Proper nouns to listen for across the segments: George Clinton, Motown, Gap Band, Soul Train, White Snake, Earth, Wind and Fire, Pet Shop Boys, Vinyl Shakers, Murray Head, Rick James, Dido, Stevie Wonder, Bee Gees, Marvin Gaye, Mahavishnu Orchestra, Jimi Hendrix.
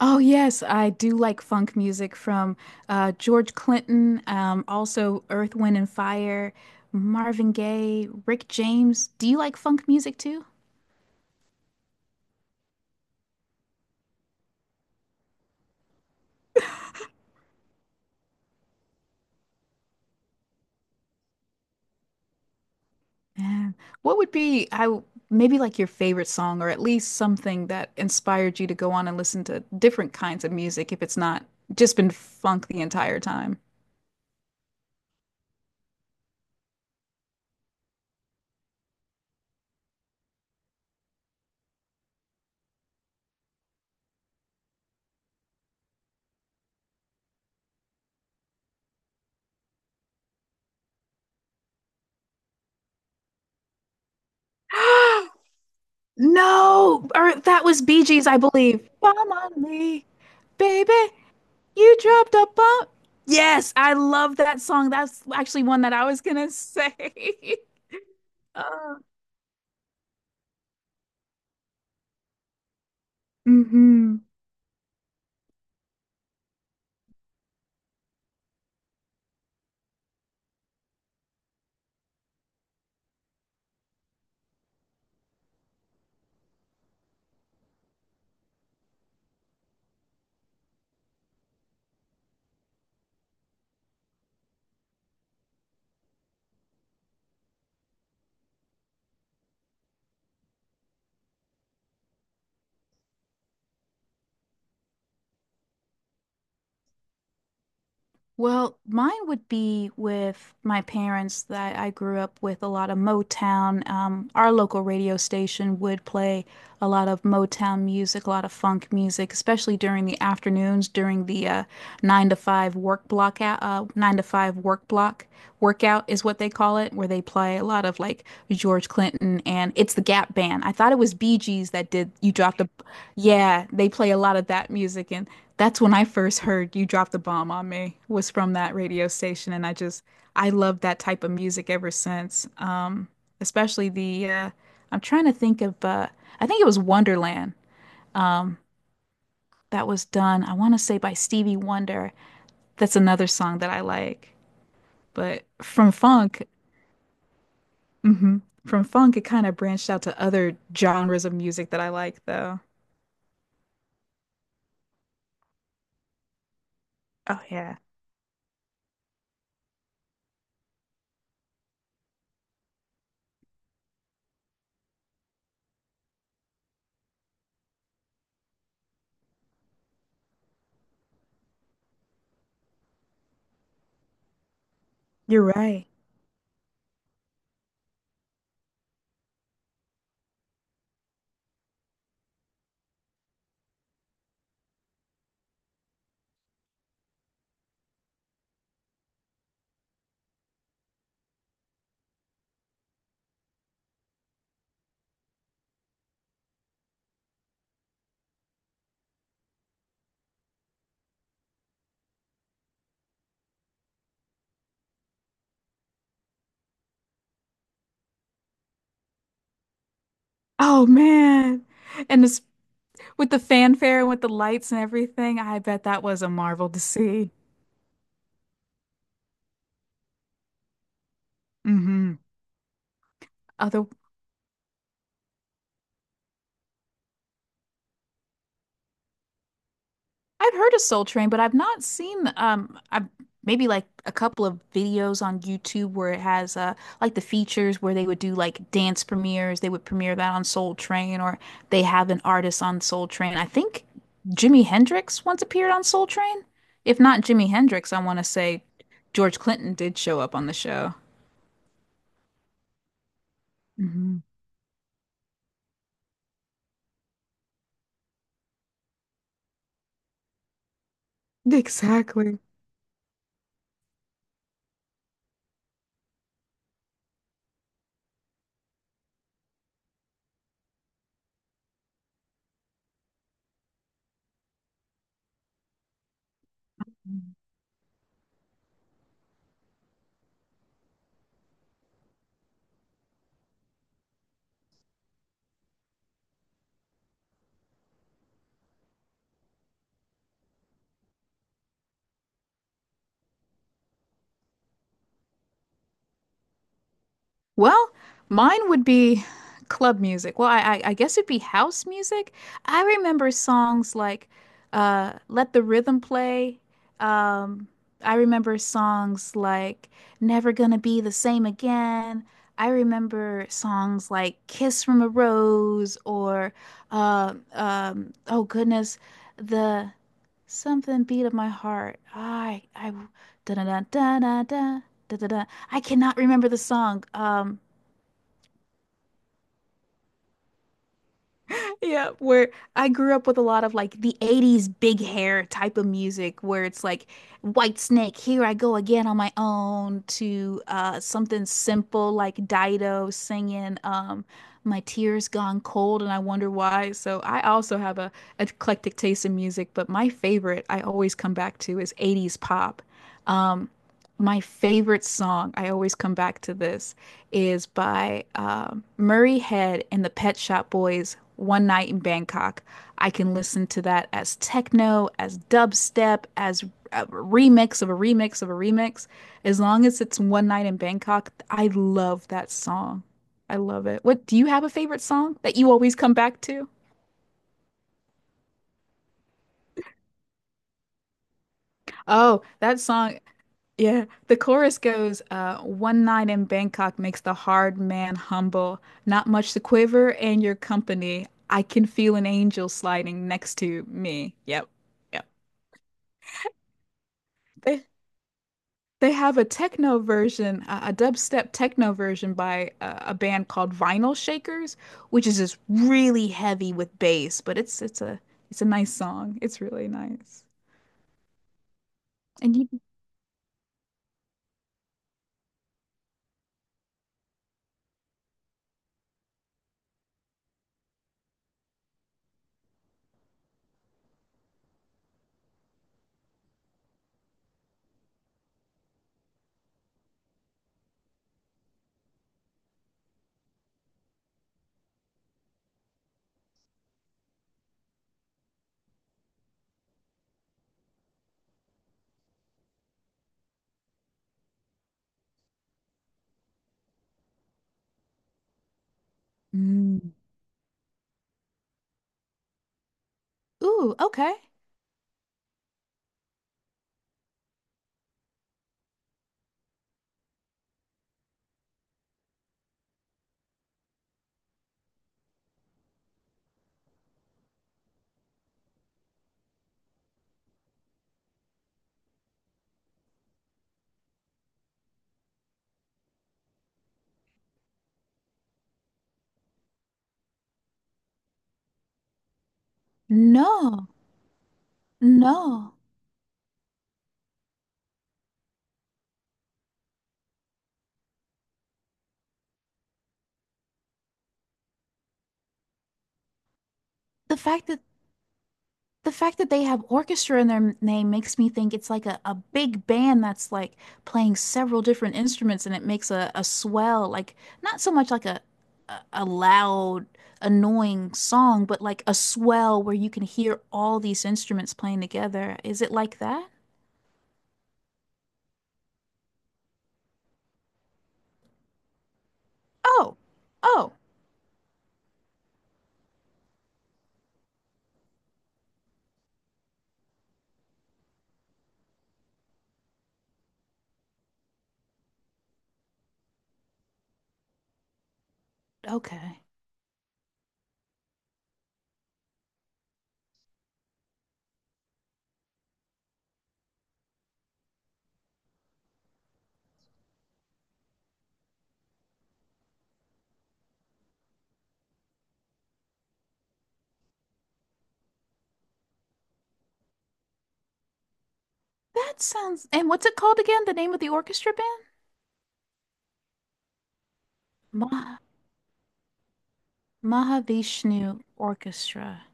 Oh yes, I do like funk music from George Clinton, also Earth, Wind and Fire, Marvin Gaye, Rick James. Do you like funk music too? Yeah. What would be maybe like your favorite song or at least something that inspired you to go on and listen to different kinds of music if it's not just been funk the entire time? No, or that was Bee Gees, I believe. Bomb on me, baby. You dropped a bomb. Yes, I love that song. That's actually one that I was gonna say. Uh, mhm. Well, mine would be with my parents that I grew up with a lot of Motown. Our local radio station would play a lot of Motown music, a lot of funk music, especially during the afternoons, during the nine to five work nine to five workout is what they call it, where they play a lot of like George Clinton and it's the Gap Band. I thought it was Bee Gees that did You Dropped a yeah, they play a lot of that music, and that's when I first heard You Dropped the Bomb on Me was from that radio station, and I just I love that type of music ever since. Especially the I'm trying to think of I think it was Wonderland. Um, that was done I want to say by Stevie Wonder. That's another song that I like. But from funk, mhm, from funk, it kind of branched out to other genres of music that I like, though. Oh yeah, you're right. Oh man. And it's with the fanfare and with the lights and everything, I bet that was a marvel to see. Hmm. Other, I've heard of Soul Train, but I've not seen I've maybe like a couple of videos on YouTube where it has like the features where they would do like dance premieres. They would premiere that on Soul Train or they have an artist on Soul Train. I think Jimi Hendrix once appeared on Soul Train. If not Jimi Hendrix, I want to say George Clinton did show up on the show. Hmm. Well, mine would be club music. Well, I guess it'd be house music. I remember songs like Let the Rhythm Play. Um, I remember songs like Never Gonna Be the Same Again. I remember songs like Kiss from a Rose or oh goodness, the something beat of my heart. I Da da da da da da da da. I cannot remember the song. Yeah, where I grew up with a lot of like the 80s big hair type of music where it's like White Snake, Here I Go Again on My Own to something simple like Dido singing My Tears Gone Cold and I Wonder Why. So I also have a eclectic taste in music, but my favorite I always come back to is 80s pop. Um, my favorite song, I always come back to this is by Murray Head and the Pet Shop Boys, One Night in Bangkok. I can listen to that as techno, as dubstep, as a remix of a remix of a remix. As long as it's One Night in Bangkok, I love that song. I love it. What do you have a favorite song that you always come back to? Oh, that song. Yeah, the chorus goes, one night in Bangkok makes the hard man humble. Not much to quiver in your company. I can feel an angel sliding next to me. Yep. Yep. They they have a techno version, a dubstep techno version by a band called Vinyl Shakers, which is just really heavy with bass, but it's a nice song. It's really nice. And you, mm. Ooh, okay. No, no. The fact that the fact that they have orchestra in their name makes me think it's like a big band that's like playing several different instruments and it makes a swell, like not so much like a loud, annoying song, but like a swell where you can hear all these instruments playing together. Is it like that? Oh, oh, okay. That sounds, and what's it called again? The name of the orchestra band? Mah Mahavishnu Orchestra.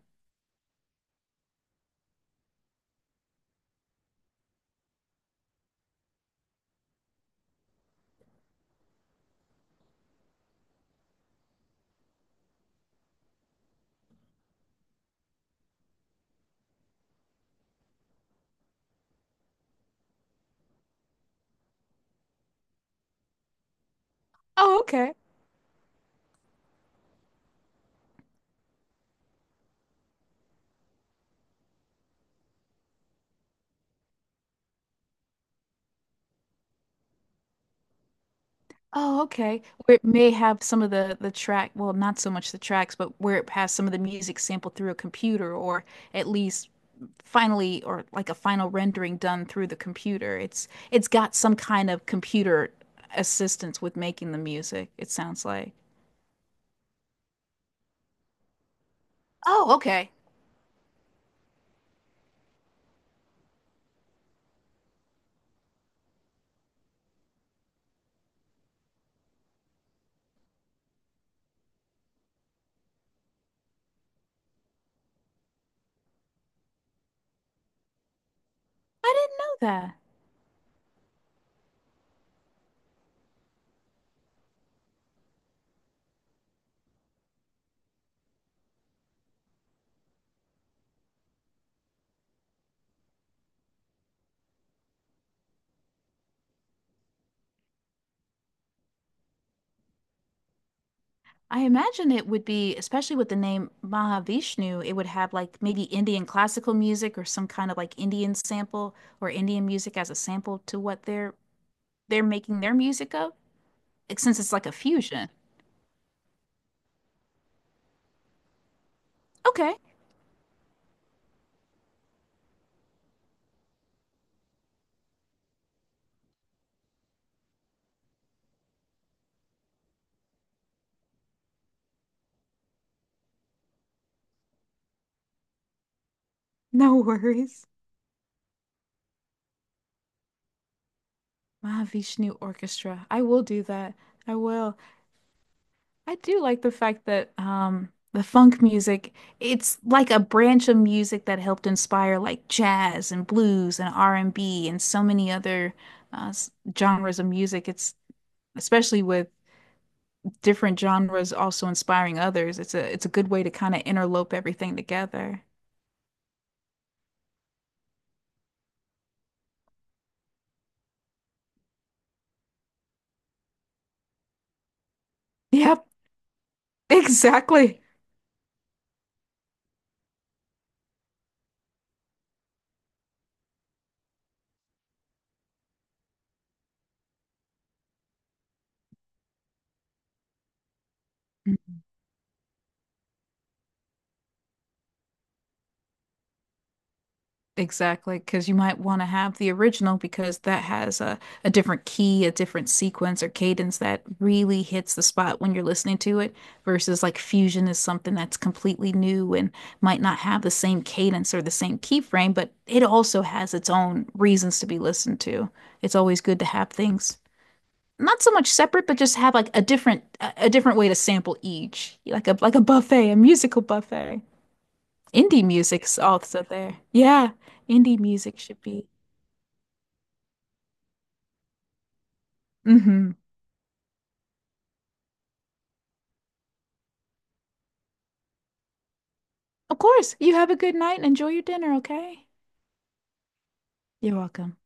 Oh, okay. Oh, okay. Where it may have some of the track, well, not so much the tracks, but where it has some of the music sampled through a computer, or at least finally, or like a final rendering done through the computer. It's got some kind of computer assistance with making the music, it sounds like. Oh, okay. I didn't know that. I imagine it would be, especially with the name Mahavishnu, it would have like maybe Indian classical music or some kind of like Indian sample or Indian music as a sample to what they're making their music of? Like, since it's like a fusion. Okay. No worries. Mahavishnu Orchestra. I will do that. I will. I do like the fact that the funk music, it's like a branch of music that helped inspire like jazz and blues and R&B and B and so many other uh, s- genres of music. It's especially with different genres also inspiring others. It's a good way to kind of interlope everything together. Yep, exactly. Exactly, because you might want to have the original because that has a different key, a different sequence or cadence that really hits the spot when you're listening to it, versus like fusion is something that's completely new and might not have the same cadence or the same keyframe, but it also has its own reasons to be listened to. It's always good to have things not so much separate, but just have like a different way to sample each, like a buffet, a musical buffet. Indie music's also there. Yeah, indie music should be. Hmm. Of course. You have a good night and enjoy your dinner, okay? You're welcome.